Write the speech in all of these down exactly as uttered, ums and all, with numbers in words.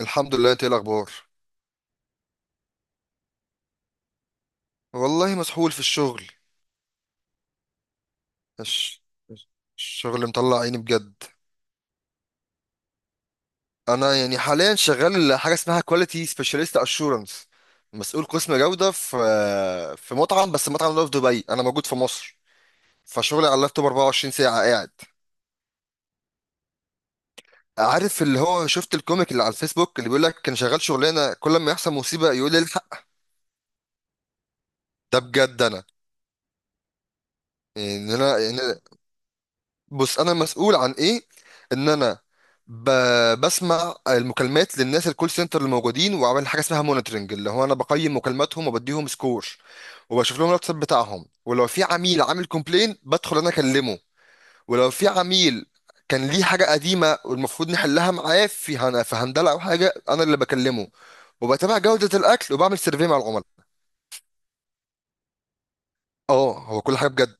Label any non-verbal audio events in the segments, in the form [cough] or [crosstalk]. الحمد لله، انت ايه الاخبار؟ والله مسحول في الشغل. الش- الشغل مطلع عيني بجد. انا يعني حاليا شغال حاجه اسمها كواليتي سبيشاليست اشورنس، مسؤول قسم جوده في في مطعم، بس المطعم ده في دبي، انا موجود في مصر، فشغلي على اللابتوب اربعة وعشرين ساعه قاعد. عارف اللي هو شفت الكوميك اللي على الفيسبوك اللي بيقول لك كان شغال شغلانه كل ما يحصل مصيبه يقول لي الحق؟ ده بجد انا. يعني انا، بص انا مسؤول عن ايه؟ ان انا ب... بسمع المكالمات للناس الكول سنتر اللي موجودين، وعامل حاجه اسمها مونيتورنج اللي هو انا بقيم مكالماتهم وبديهم سكور، وبشوف لهم الواتساب بتاعهم، ولو في عميل عامل كومبلين بدخل انا اكلمه، ولو في عميل كان ليه حاجه قديمه والمفروض نحلها معاه في هن... في هندله او حاجه انا اللي بكلمه، وبتابع جوده الاكل وبعمل سيرفي مع العملاء. اه هو كل حاجه بجد.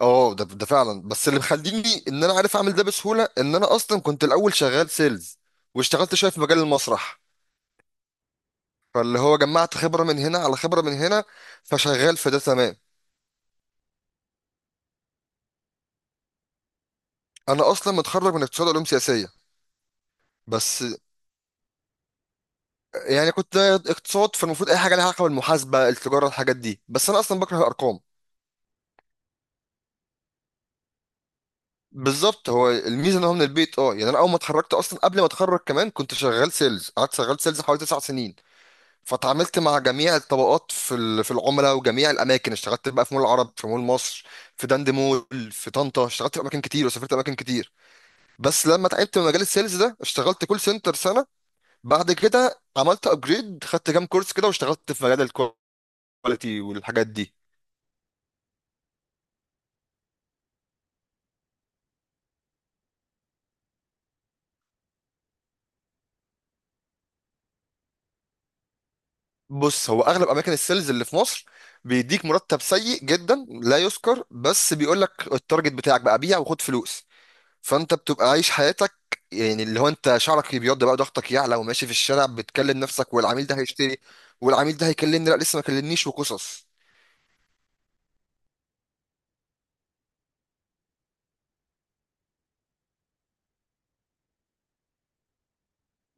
اه، ده ده فعلا، بس اللي مخليني ان انا عارف اعمل ده بسهوله ان انا اصلا كنت الاول شغال سيلز، واشتغلت شويه في مجال المسرح، فاللي هو جمعت خبره من هنا على خبره من هنا، فشغال في ده تمام. انا اصلا متخرج من اقتصاد علوم سياسيه. بس يعني كنت اقتصاد، فالمفروض اي حاجه لها علاقه بالمحاسبه التجاره الحاجات دي، بس انا اصلا بكره الارقام. بالظبط، هو الميزه ان هو من البيت. اه يعني انا اول ما اتخرجت، اصلا قبل ما اتخرج كمان، كنت شغال سيلز، قعدت شغال سيلز حوالي تسع سنين، فتعاملت مع جميع الطبقات في ال- في العملاء، وجميع الاماكن اشتغلت بقى في مول العرب، في مول مصر، في دند مول، في طنطا، اشتغلت في اماكن كتير وسافرت اماكن كتير. بس لما تعبت من مجال السيلز ده اشتغلت كول سنتر سنه. بعد كده عملت ابجريد، خدت كام كورس كده، واشتغلت في مجال الكواليتي والحاجات دي. بص، هو اغلب اماكن السيلز اللي في مصر بيديك مرتب سيء جدا لا يذكر، بس بيقول لك التارجت بتاعك بقى بيع وخد فلوس. فانت بتبقى عايش حياتك، يعني اللي هو انت شعرك بيبيض بقى، ضغطك يعلى، وماشي في الشارع بتكلم نفسك، والعميل ده هيشتري، والعميل ده هيكلمني، لا لسه ما كلمنيش، وقصص.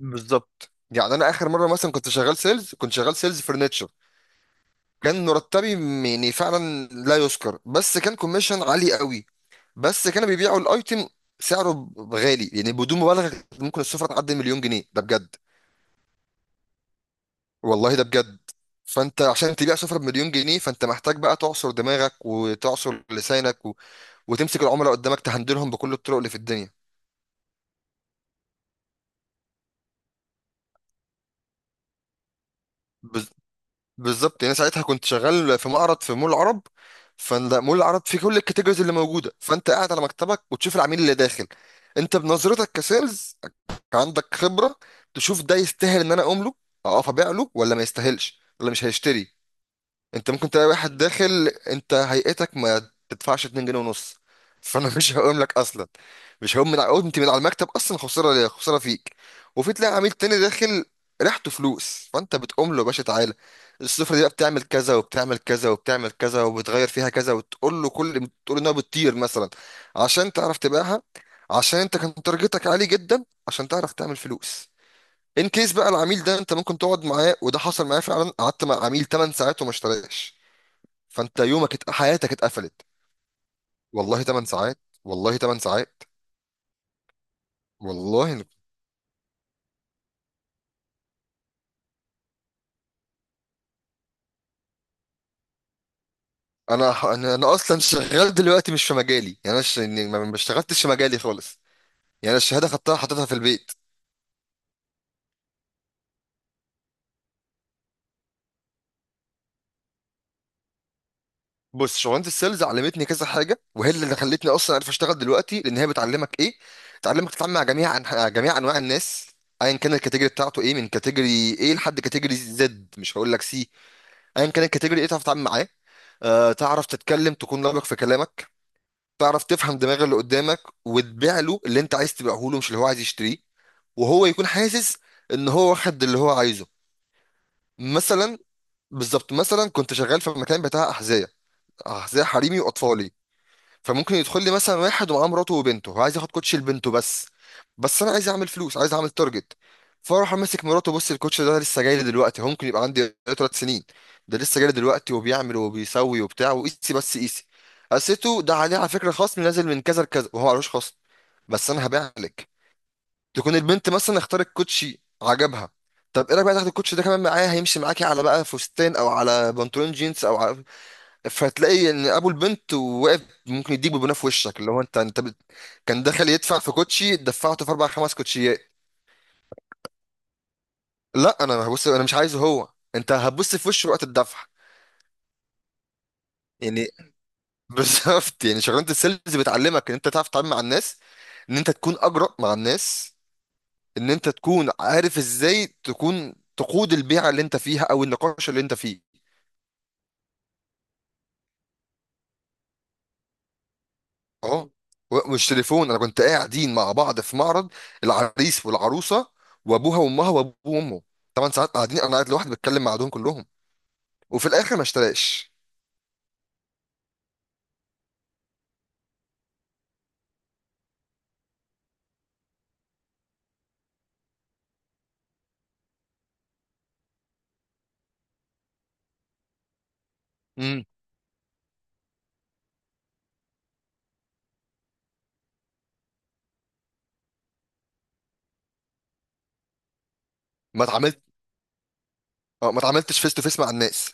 بالظبط، يعني انا اخر مره مثلا كنت شغال سيلز، كنت شغال سيلز فرنتشر، كان مرتبي م- يعني فعلا لا يذكر، بس كان كوميشن عالي قوي. بس كانوا بيبيعوا الايتم سعره ب- غالي يعني، بدون مبالغه ممكن السفره تعدي مليون جنيه، ده بجد والله ده بجد. فانت عشان تبيع سفرة بمليون جنيه فانت محتاج بقى تعصر دماغك وتعصر لسانك و... وتمسك العملاء قدامك تهندلهم بكل الطرق اللي في الدنيا. بز... بالظبط، يعني ساعتها كنت شغال في معرض في مول العرب، فلا مول العرب فيه كل الكاتيجوريز اللي موجودة، فانت قاعد على مكتبك وتشوف العميل اللي داخل. انت بنظرتك كسيلز عندك خبرة، تشوف ده يستاهل ان انا اقوم له اقف ابيع له، ولا ما يستاهلش ولا مش هيشتري. انت ممكن تلاقي واحد داخل انت هيئتك ما تدفعش اتنين جنيه ونص، فانا [laughs] مش هقوم لك اصلا، مش هقوم من على، قمت من على المكتب اصلا خساره ليا خساره فيك. وفي تلاقي عميل تاني داخل ريحته فلوس، فانت بتقوم له يا باشا تعالى، السفره دي بقى بتعمل كذا وبتعمل كذا وبتعمل كذا، وبتغير فيها كذا، وتقول له كل، تقول انها بتطير مثلا عشان تعرف تبيعها، عشان انت كان تارجتك عالي جدا عشان تعرف تعمل فلوس. ان كيس بقى العميل ده انت ممكن تقعد معاه، وده حصل معايا فعلا، قعدت مع عميل ثمان ساعات وما اشتراش، فانت يومك ات- حياتك اتقفلت. والله ثمان ساعات، والله تمان ساعات. والله انا ح- انا أنا اصلا شغال دلوقتي مش في مجالي، يعني انا ش... يعني ما ما اشتغلتش في مجالي خالص، يعني أنا الشهاده خدتها حطيتها في البيت. بص، شغلانه السيلز علمتني كذا حاجه، وهي اللي خلتني اصلا عارف اشتغل دلوقتي، لان هي بتعلمك ايه؟ بتعلمك تتعامل مع جميع أنح... جميع انواع الناس، ايا كان الكاتيجوري بتاعته ايه، من كاتيجوري ايه لحد كاتيجوري زد، مش هقول لك سي، ايا كان الكاتيجوري ايه تعرف تتعامل معاه. آه، تعرف تتكلم، تكون لبق في كلامك، تعرف تفهم دماغ اللي قدامك، وتبيع له اللي انت عايز تبيعه له مش اللي هو عايز يشتريه، وهو يكون حاسس ان هو واخد اللي هو عايزه. مثلا بالظبط، مثلا كنت شغال في مكان بتاع احذيه، احذيه حريمي واطفالي، فممكن يدخل لي مثلا واحد ومعاه مراته وبنته وعايز ياخد كوتش لبنته بس، بس انا عايز اعمل فلوس عايز اعمل تارجت، فاروح ماسك مراته بص، الكوتش ده لسه جاي لي دلوقتي، هو ممكن يبقى عندي ثلاث سنين، ده لسه جاي لي دلوقتي، وبيعمل وبيسوي وبتاع، وقيسي بس قيسي، قسيته ده عليه على فكره خصم نازل من كذا لكذا، وهو معلوش خصم، بس انا هبيع لك. تكون البنت مثلا اختارت كوتشي عجبها، طب ايه رايك بقى تاخد الكوتش ده كمان معايا، هيمشي معاكي على بقى فستان او على بنطلون جينز او على، فتلاقي ان ابو البنت واقف ممكن يديك ببناه في وشك، اللي هو انت انت بت... كان دخل يدفع في كوتشي دفعته في اربع خمس كوتشيات. لا انا هبص، انا مش عايزه هو، انت هتبص في وشه وقت الدفع. يعني [laughs] بالظبط، يعني شغلانه السيلز بتعلمك ان انت تعرف تتعامل مع الناس، ان انت تكون اجرأ مع الناس، ان انت تكون عارف ازاي تكون تقود البيعه اللي انت فيها او النقاش اللي انت فيه. اه، و- مش تليفون، انا كنت قاعدين مع بعض في معرض، العريس والعروسه وابوها وامها وابوه وامه، ثمان ساعات قاعدين، انا قاعد لوحدي بتكلم مع دول كلهم، وفي الاخر ما اشتراش. امم، ما اتعاملت، اه ما اتعاملتش فيس تو فيس مع الناس.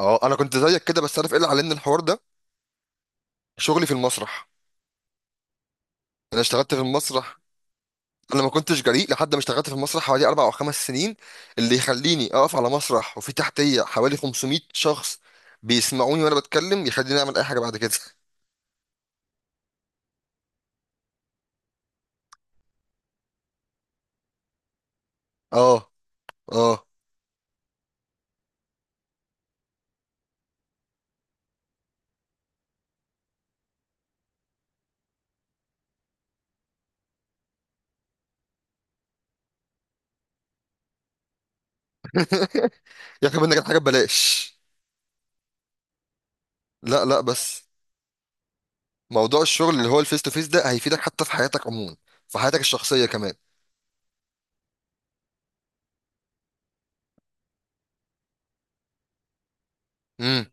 اه انا كنت زيك كده، بس عارف ايه اللي علمني الحوار ده؟ شغلي في المسرح. انا اشتغلت في المسرح. انا ما كنتش جريء لحد ما اشتغلت في المسرح حوالي اربع او خمس سنين، اللي يخليني اقف على مسرح وفي تحتيه حوالي خمسمائة شخص بيسمعوني وانا بتكلم، يخليني اعمل اي حاجه بعد كده. [laughs] اه، اه، يا اخي منك الحاجه ببلاش. لا لا بس موضوع الشغل اللي هو الفيس تو فيس ده هيفيدك حتى في حياتك عموما، في حياتك الشخصيه كمان. امم،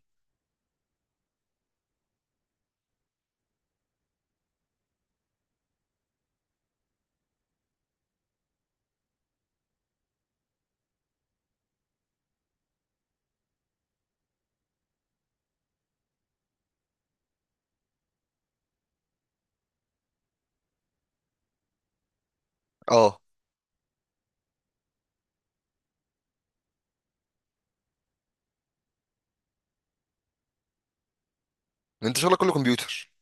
اه انت شغلك كله كمبيوتر.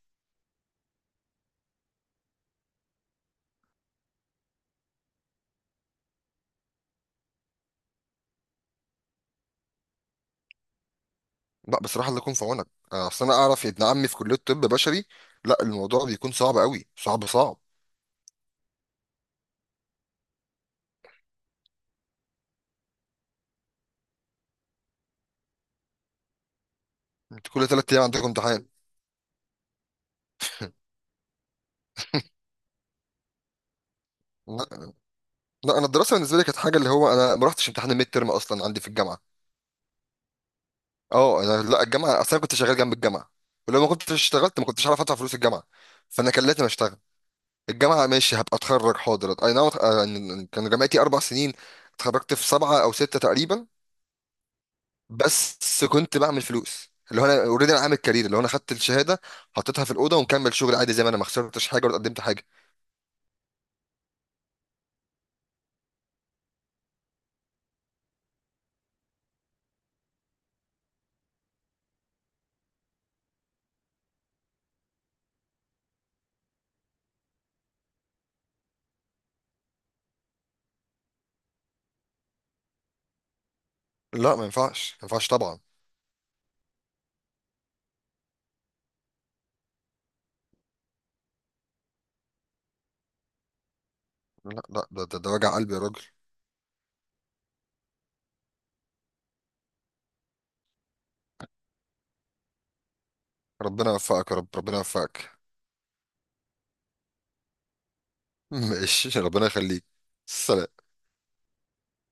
لا بصراحه الله يكون في عونك. آه، اصل انا اعرف ابن عمي في كليه طب بشري، لا الموضوع بيكون صعب قوي، صعب صعب. انت كل ثلاث ايام عندك امتحان؟ لا لا، انا الدراسه بالنسبه لي كانت حاجه، اللي هو انا ما رحتش امتحان الميد ترم اصلا عندي في الجامعه. اه انا، لا الجامعه اصلا كنت شغال جنب الجامعه، ولو ما كنتش اشتغلت ما كنتش عارف ادفع فلوس الجامعه، فانا كان لازم اشتغل. الجامعة ماشي هبقى اتخرج حاضر اي نعم، أه، يعني كان جامعتي اربع سنين، اتخرجت في سبعة او ستة تقريبا، بس كنت بعمل فلوس، اللي هو انا اوريدي انا عامل كارير، اللي هو انا خدت الشهادة حطيتها في الأوضة، ومكمل شغل عادي زي ما انا ما خسرتش حاجة ولا قدمت حاجة. لا ما ينفعش، ما ينفعش طبعا. لا لا ده, ده, ده وجع قلبي يا راجل. ربنا يوفقك يا رب، ربنا يوفقك. [laughs] ماشي، ربنا يخليك. سلام.